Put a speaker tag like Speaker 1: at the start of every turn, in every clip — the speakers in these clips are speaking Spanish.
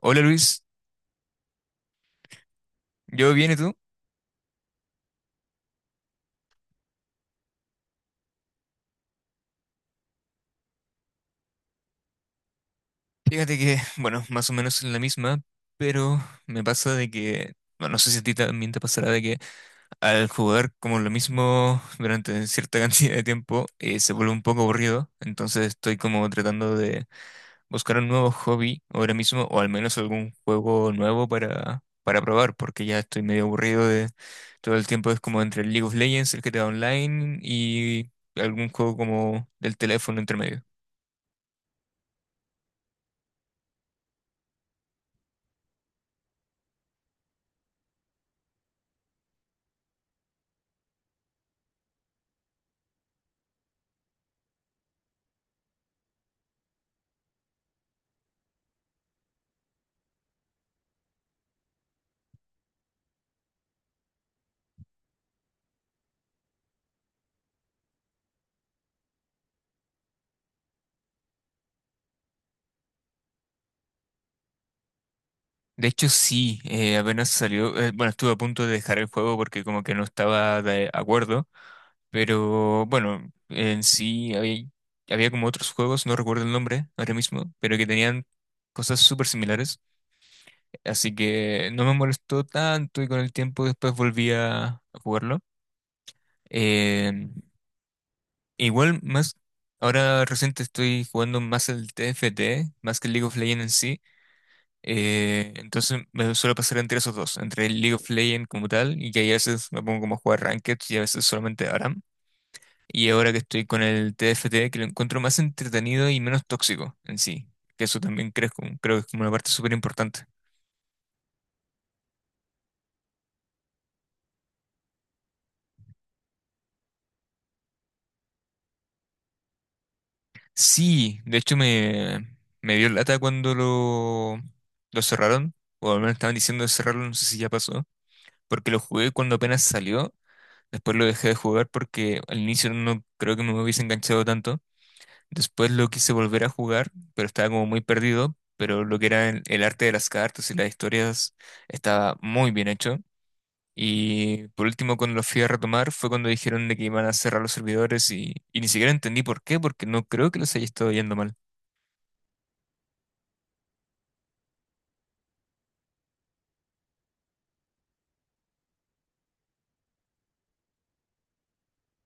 Speaker 1: Hola Luis. ¿Yo bien y tú? Fíjate que, bueno, más o menos en la misma, pero me pasa de que, bueno, no sé si a ti también te pasará de que al jugar como lo mismo durante cierta cantidad de tiempo se vuelve un poco aburrido, entonces estoy como tratando de buscar un nuevo hobby ahora mismo o al menos algún juego nuevo para, probar, porque ya estoy medio aburrido de todo el tiempo, es como entre el League of Legends, el GTA Online y algún juego como del teléfono entre medio. De hecho, sí, apenas salió, bueno, estuve a punto de dejar el juego porque como que no estaba de acuerdo, pero bueno, en sí había, como otros juegos, no recuerdo el nombre ahora mismo, pero que tenían cosas súper similares, así que no me molestó tanto y con el tiempo después volví a jugarlo. Eh, Igual más, ahora reciente estoy jugando más el T F T, más que el League of Legends en sí. Entonces me suele pasar entre esos dos, entre el League of Legends como tal, y que ahí a veces me pongo como a jugar Ranked y a veces solamente ARAM. Y ahora que estoy con el TFT, que lo encuentro más entretenido y menos tóxico en sí, que eso también creo, creo que es como una parte súper importante. Sí, de hecho me, dio lata cuando lo cerraron, o al menos estaban diciendo de cerrarlo, no sé si ya pasó, porque lo jugué cuando apenas salió. Después lo dejé de jugar porque al inicio no creo que me hubiese enganchado tanto. Después lo quise volver a jugar, pero estaba como muy perdido. Pero lo que era el, arte de las cartas y las historias estaba muy bien hecho. Y por último, cuando lo fui a retomar, fue cuando dijeron de que iban a cerrar los servidores y ni siquiera entendí por qué, porque no creo que los haya estado yendo mal.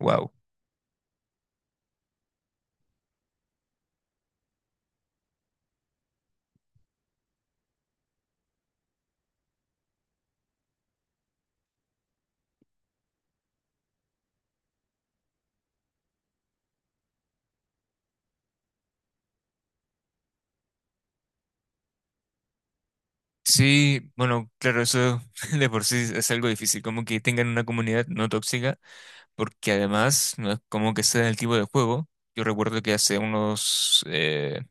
Speaker 1: Wow. Sí, bueno, claro, eso de por sí es algo difícil, como que tengan una comunidad no tóxica, porque además no es como que sea el tipo de juego. Yo recuerdo que hace unos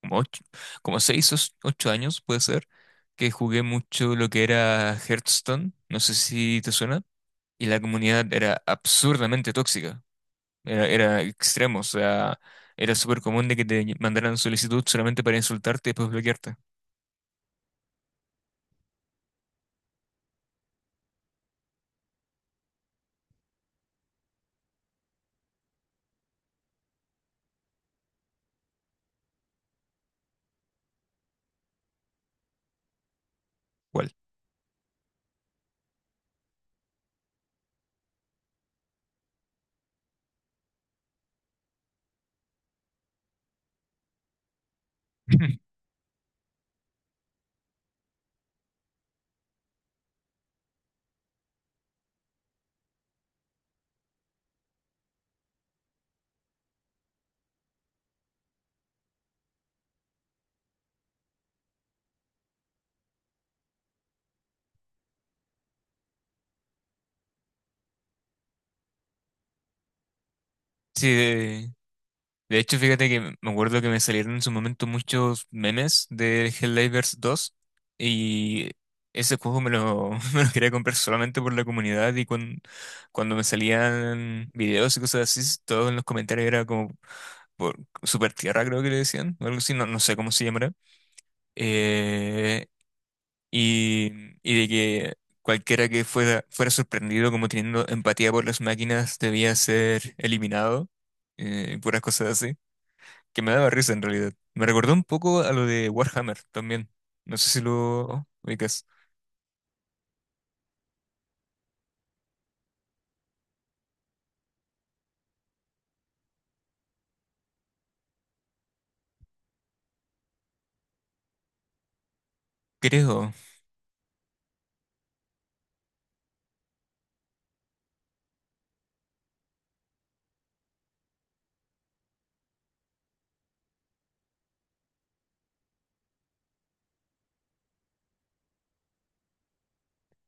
Speaker 1: como ocho, como seis o ocho años, puede ser, que jugué mucho lo que era Hearthstone, no sé si te suena, y la comunidad era absurdamente tóxica, era, extremo, o sea, era súper común de que te mandaran solicitud solamente para insultarte y después bloquearte. ¿Cuál? Sí, de hecho, fíjate que me acuerdo que me salieron en su momento muchos memes de Helldivers dos y ese juego me lo, me lo quería comprar solamente por la comunidad y cuando, me salían videos y cosas así, todos en los comentarios era como por Super Tierra, creo que le decían, o algo así, no, no sé cómo se llamará. Eh, y, y, de que cualquiera que fuera sorprendido como teniendo empatía por las máquinas debía ser eliminado, y puras cosas así que me daba risa en realidad. Me recordó un poco a lo de Warhammer también. No sé si lo ubicas. Creo.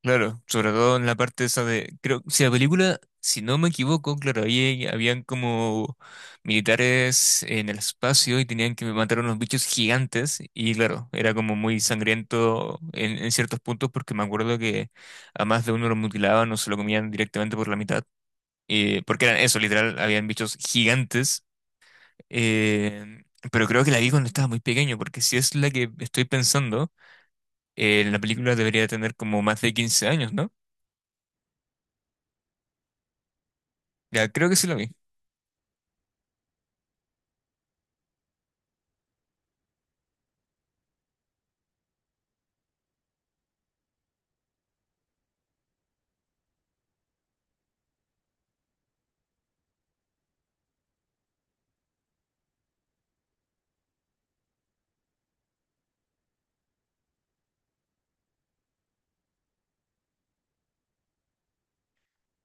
Speaker 1: Claro, sobre todo en la parte esa de, creo, si la película, si no me equivoco, claro, ahí habían como militares en el espacio y tenían que matar a unos bichos gigantes y claro, era como muy sangriento en ciertos puntos, porque me acuerdo que a más de uno lo mutilaban o se lo comían directamente por la mitad, porque eran eso, literal, habían bichos gigantes. Eh, pero creo que la vi cuando estaba muy pequeño, porque si es la que estoy pensando, la película debería tener como más de 15 años, ¿no? Ya creo que sí la vi.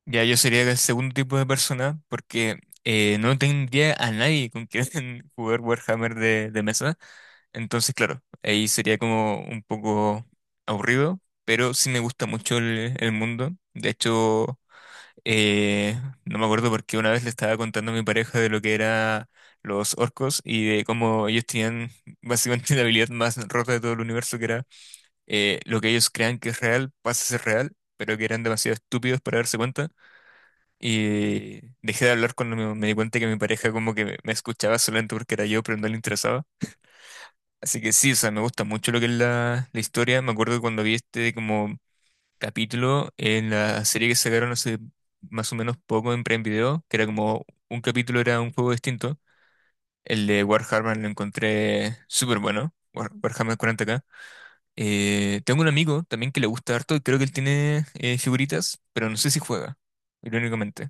Speaker 1: Ya yo sería el segundo tipo de persona, porque no tendría a nadie con quien jugar Warhammer de, mesa. Entonces, claro, ahí sería como un poco aburrido, pero sí me gusta mucho el mundo. De hecho. No me acuerdo, porque una vez le estaba contando a mi pareja de lo que eran los orcos y de cómo ellos tenían básicamente la habilidad más rota de todo el universo, que era lo que ellos crean que es real, pasa a ser real, pero que eran demasiado estúpidos para darse cuenta. Y dejé de hablar cuando me, di cuenta que mi pareja como que me escuchaba solamente porque era yo, pero no le interesaba. Así que sí, o sea, me gusta mucho lo que es la historia. Me acuerdo cuando vi este como capítulo en la serie que sacaron hace más o menos poco en Prime Video, que era como un capítulo era un juego distinto. El de Warhammer lo encontré súper bueno, Warhammer 40K. Tengo un amigo también que le gusta harto y creo que él tiene figuritas, pero no sé si juega, irónicamente.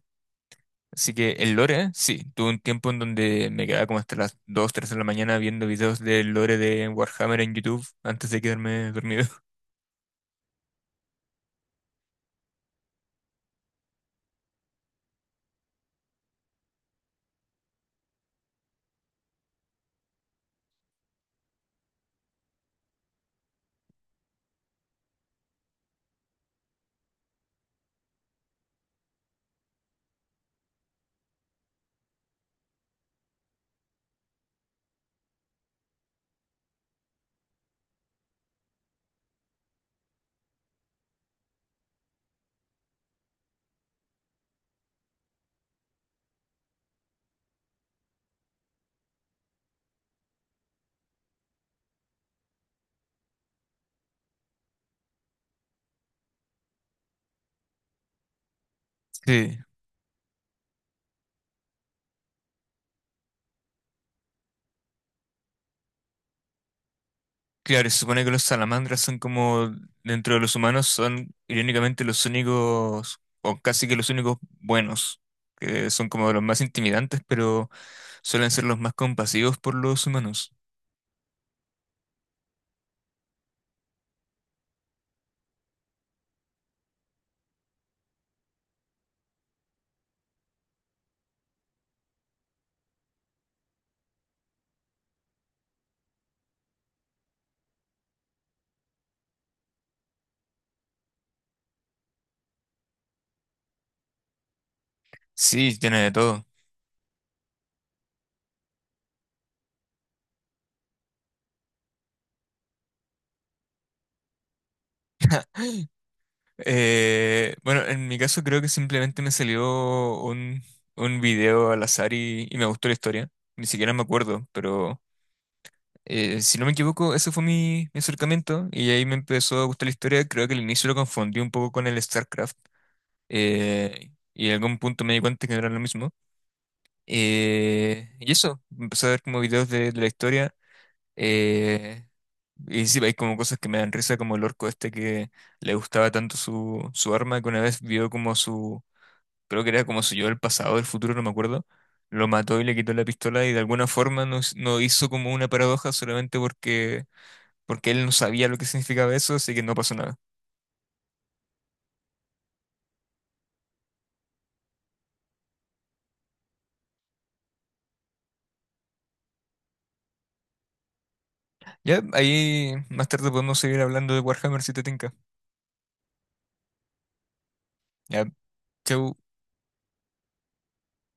Speaker 1: Así que el lore, sí, tuve un tiempo en donde me quedaba como hasta las 2 3 de la mañana viendo videos del lore de Warhammer en YouTube antes de quedarme dormido. Sí. Claro, se supone que los salamandras son como, dentro de los humanos, son irónicamente los únicos, o casi que los únicos buenos, que son como de los más intimidantes, pero suelen ser los más compasivos por los humanos. Sí, tiene de todo. Bueno, en mi caso creo que simplemente me salió un, video al azar y me gustó la historia. Ni siquiera me acuerdo, pero si no me equivoco, ese fue mi acercamiento y ahí me empezó a gustar la historia. Creo que al inicio lo confundí un poco con el StarCraft, y en algún punto me di cuenta que no era lo mismo. Y eso, empecé a ver como videos de, la historia. eh, y sí, hay como cosas que me dan risa, como el orco este que le gustaba tanto su arma, que una vez vio como su, creo que era como su yo del pasado, del futuro, no me acuerdo. Lo mató y le quitó la pistola y de alguna forma no, no hizo como una paradoja solamente porque, él no sabía lo que significaba eso, así que no pasó nada. Ya, ahí más tarde podemos seguir hablando de Warhammer si te tinca. Ya, chau.